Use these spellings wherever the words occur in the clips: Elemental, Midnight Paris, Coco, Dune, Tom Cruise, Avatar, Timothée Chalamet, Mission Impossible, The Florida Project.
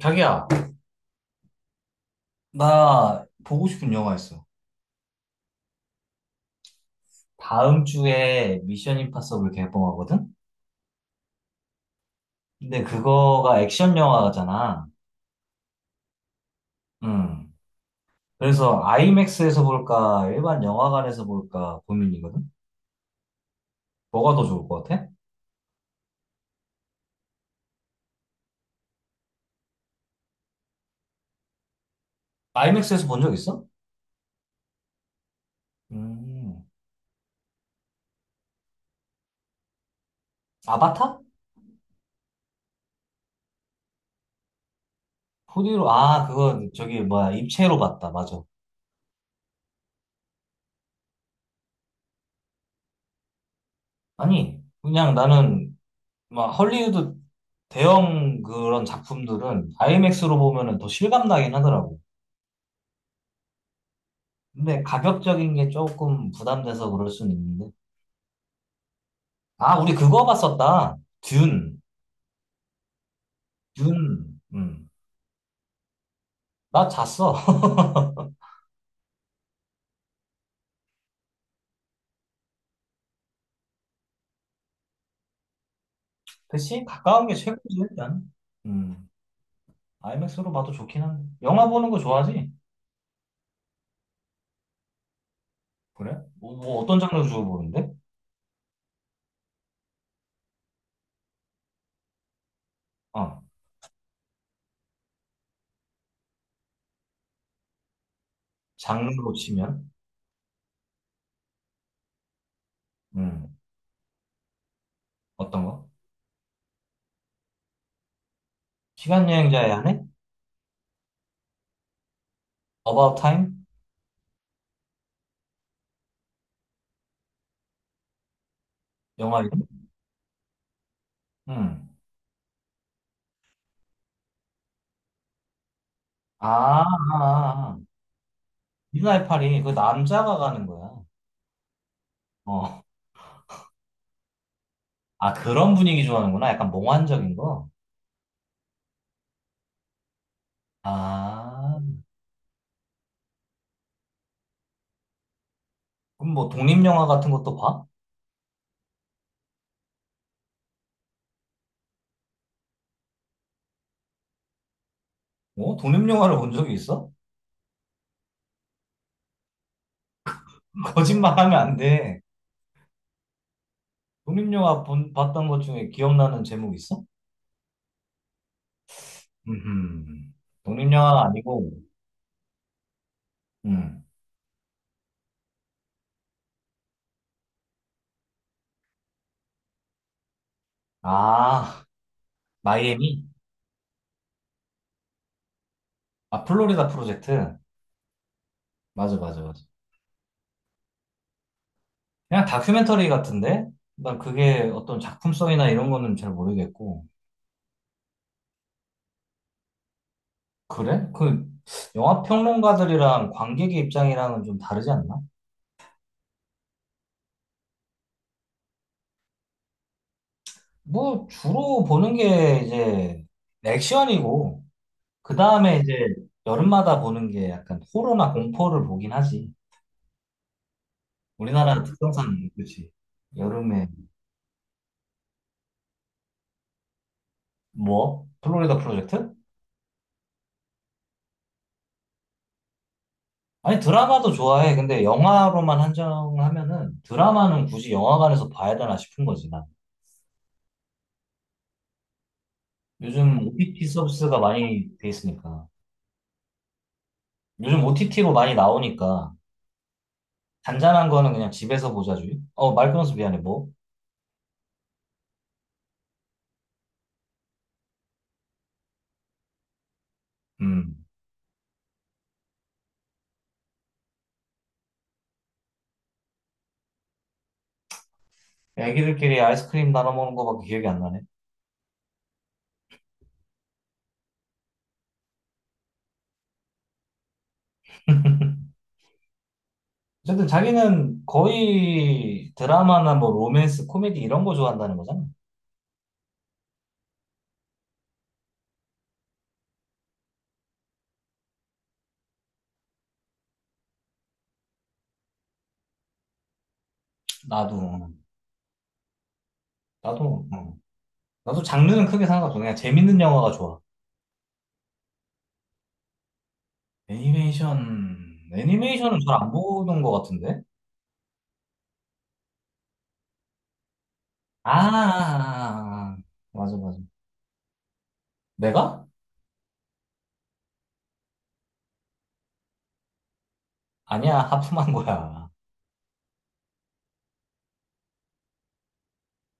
자기야, 나 보고 싶은 영화 있어. 다음 주에 미션 임파서블 개봉하거든? 근데 그거가 액션 영화잖아. 음. 그래서 아이맥스에서 볼까, 일반 영화관에서 볼까 고민이거든? 뭐가 더 좋을 것 같아? 아이맥스에서 본 적 있어? 음. 아바타? 포디로 아, 그거 저기 뭐야, 입체로 봤다. 맞아. 아니, 그냥 나는 막 헐리우드 대형 그런 작품들은 아이맥스로 보면은 더 실감 나긴 하더라고. 근데 가격적인 게 조금 부담돼서 그럴 수는 있는데. 아, 우리 그거 봤었다. 듄. 듄. 음. 나 잤어. 그치? 가까운 게 최고지, 일단. 음. 아이맥스로 봐도 좋긴 한데. 영화 보는 거 좋아하지? 그래? 뭐 어떤 장르 주로 보는데? 어. 장르로 치면? 음. 어떤 거? 시간여행자의 한 해? About Time? 영화 이름? 음. 아, 아, 아. 미드나잇 파리. 그 남자가 가는 거야. 어. 아, 그런 분위기 좋아하는구나. 약간 몽환적인 거. 아, 그럼 뭐 독립영화 같은 것도 봐? 뭐? 독립영화를 본 적이 있어? 거짓말하면 안 돼. 독립영화 봤던 것 중에 기억나는 제목 있어? 음, 독립영화가 아니고, 음. 아, 마이애미? 아, 플로리다 프로젝트? 맞아, 맞아, 맞아. 그냥 다큐멘터리 같은데? 난 그게 어떤 작품성이나 이런 거는 잘 모르겠고. 그래? 그, 영화 평론가들이랑 관객의 입장이랑은 좀 다르지 않나? 뭐 주로 보는 게 이제 액션이고 그 다음에 이제 여름마다 보는 게 약간 호러나 공포를 보긴 하지. 우리나라 특성상 그렇지. 여름에 뭐? 플로리다 프로젝트? 아니 드라마도 좋아해. 근데 영화로만 한정하면은 드라마는 굳이 영화관에서 봐야 되나 싶은 거지 난. 요즘 OTT 서비스가 많이 돼 있으니까. 요즘 OTT로 많이 나오니까 잔잔한 거는 그냥 집에서 보자 주의. 어말 끊어서 미안해 뭐. 음. 애기들끼리 아이스크림 나눠 먹는 거밖에 기억이 안 나네. 어쨌든 자기는 거의 드라마나 뭐 로맨스, 코미디 이런 거 좋아한다는 거잖아. 나도, 나도, 어. 나도 장르는 크게 상관 없어. 그냥 재밌는 영화가 좋아. 애니메이션, 애니메이션은 잘 안 보는 것 같은데? 아, 아, 아. 맞아, 맞아. 내가? 아니야, 하품한 거야.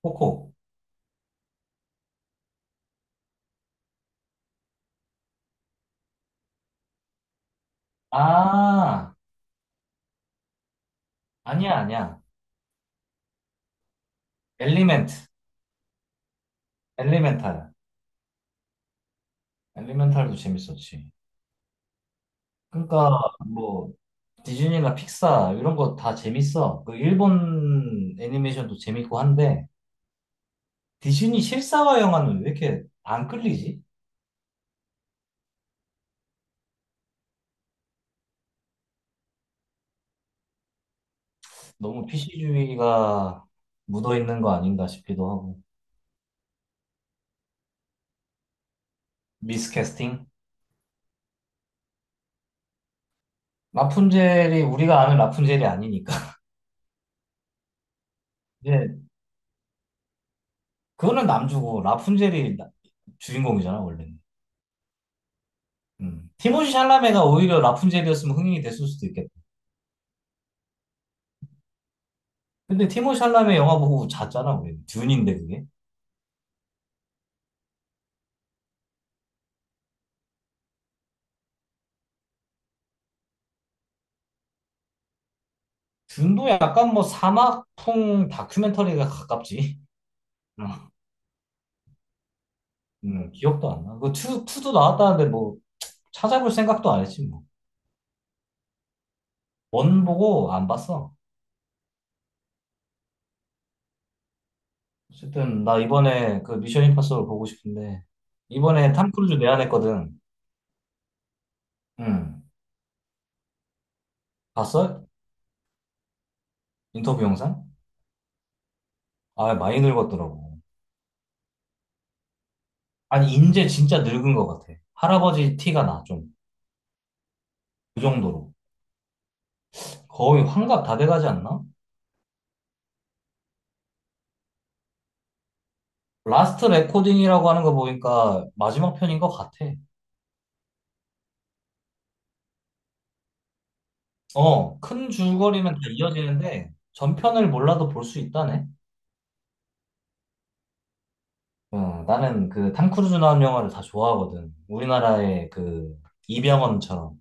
코코. 아, 아니야, 아니야. 엘리멘트, 엘리멘탈. 엘리멘탈도 재밌었지. 그러니까 뭐 디즈니나 픽사 이런 거 다 재밌어. 그 일본 애니메이션도 재밌고 한데 디즈니 실사화 영화는 왜 이렇게 안 끌리지? 너무 PC주의가 묻어 있는 거 아닌가 싶기도 하고. 미스캐스팅? 라푼젤이 우리가 아는 라푼젤이 아니니까. 이제 그거는 주인공이잖아 원래는. 음. 티모시 샬라메가 오히려 라푼젤이었으면 흥행이 됐을 수도 있겠다. 근데 티모시 샬라메 영화 보고 잤잖아 우리. 듄인데 그게. 듄도 약간 뭐 사막풍 다큐멘터리가 가깝지. 음, 기억도 안 나. 그 투도 나왔다는데 뭐 찾아볼 생각도 안 했지 뭐. 원 보고 안 봤어. 어쨌든 나 이번에 그 미션 임파서블 보고 싶은데 이번에 탐 크루즈 내한했거든. 응. 봤어? 인터뷰 영상? 아, 많이 늙었더라고. 아니, 인제 진짜 늙은 것 같아. 할아버지 티가 나, 좀. 그 정도로. 거의 환갑 다 돼가지 않나? 라스트 레코딩이라고 하는 거 보니까 마지막 편인 것 같아. 어, 큰 줄거리는 다 이어지는데 전편을 몰라도 볼 수 있다네. 어, 나는 그 탐 크루즈 나온 영화를 다 좋아하거든. 우리나라의 그 이병헌처럼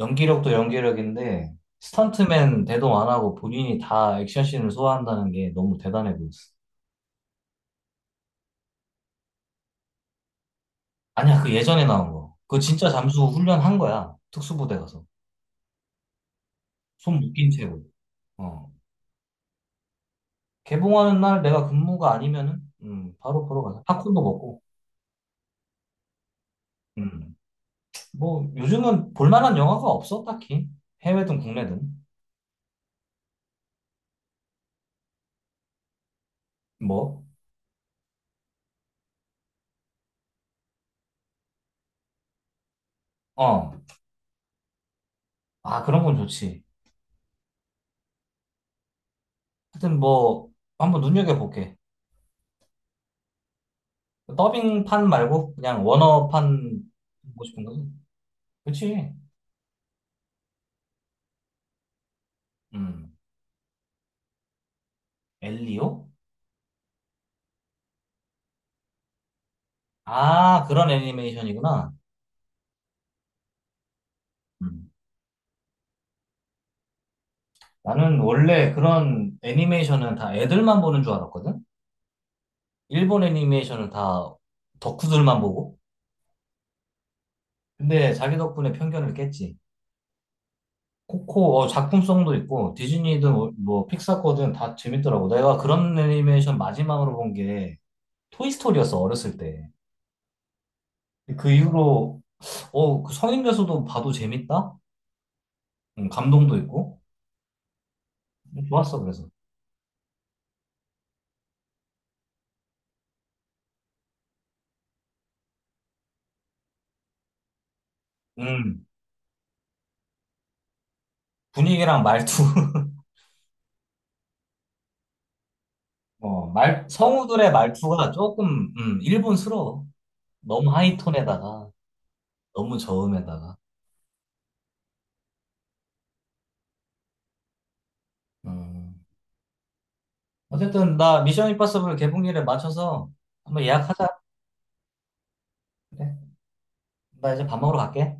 연기력도 연기력인데 스턴트맨 대동 안 하고 본인이 다 액션씬을 소화한다는 게 너무 대단해 보였어. 아니야, 그 예전에 나온 거. 그거 진짜 잠수 훈련한 거야. 특수부대 가서. 손 묶인 채로. 어. 개봉하는 날 내가 근무가 아니면은 바로 보러 가자. 팝콘도 먹고. 음. 뭐 요즘은 볼만한 영화가 없어 딱히 해외든 국내든. 뭐? 어. 아, 그런 건 좋지. 하여튼 뭐 한번 눈여겨볼게. 더빙판 말고 그냥 원어판 보고 싶은 거지. 그치. 음. 엘리오. 아, 그런 애니메이션이구나. 음. 나는 원래 그런 애니메이션은 다 애들만 보는 줄 알았거든. 일본 애니메이션을 다 덕후들만 보고. 근데 자기 덕분에 편견을 깼지. 코코 어, 작품성도 있고 디즈니든 어, 뭐 픽사거든 다 재밌더라고. 내가 그런 애니메이션 마지막으로 본 게 토이스토리였어 어렸을 때. 그 이후로 어, 그 성인 돼서도 봐도 재밌다? 감동도 있고 좋았어 그래서. 음. 분위기랑 말투 어, 말 성우들의 말투가 조금 일본스러워. 너무 하이톤에다가 너무 저음에다가. 음. 어쨌든 나 미션 임파서블 개봉일에 맞춰서 한번 예약하자. 그래. 나 이제 밥 먹으러 갈게.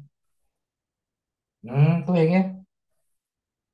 또 얘기해.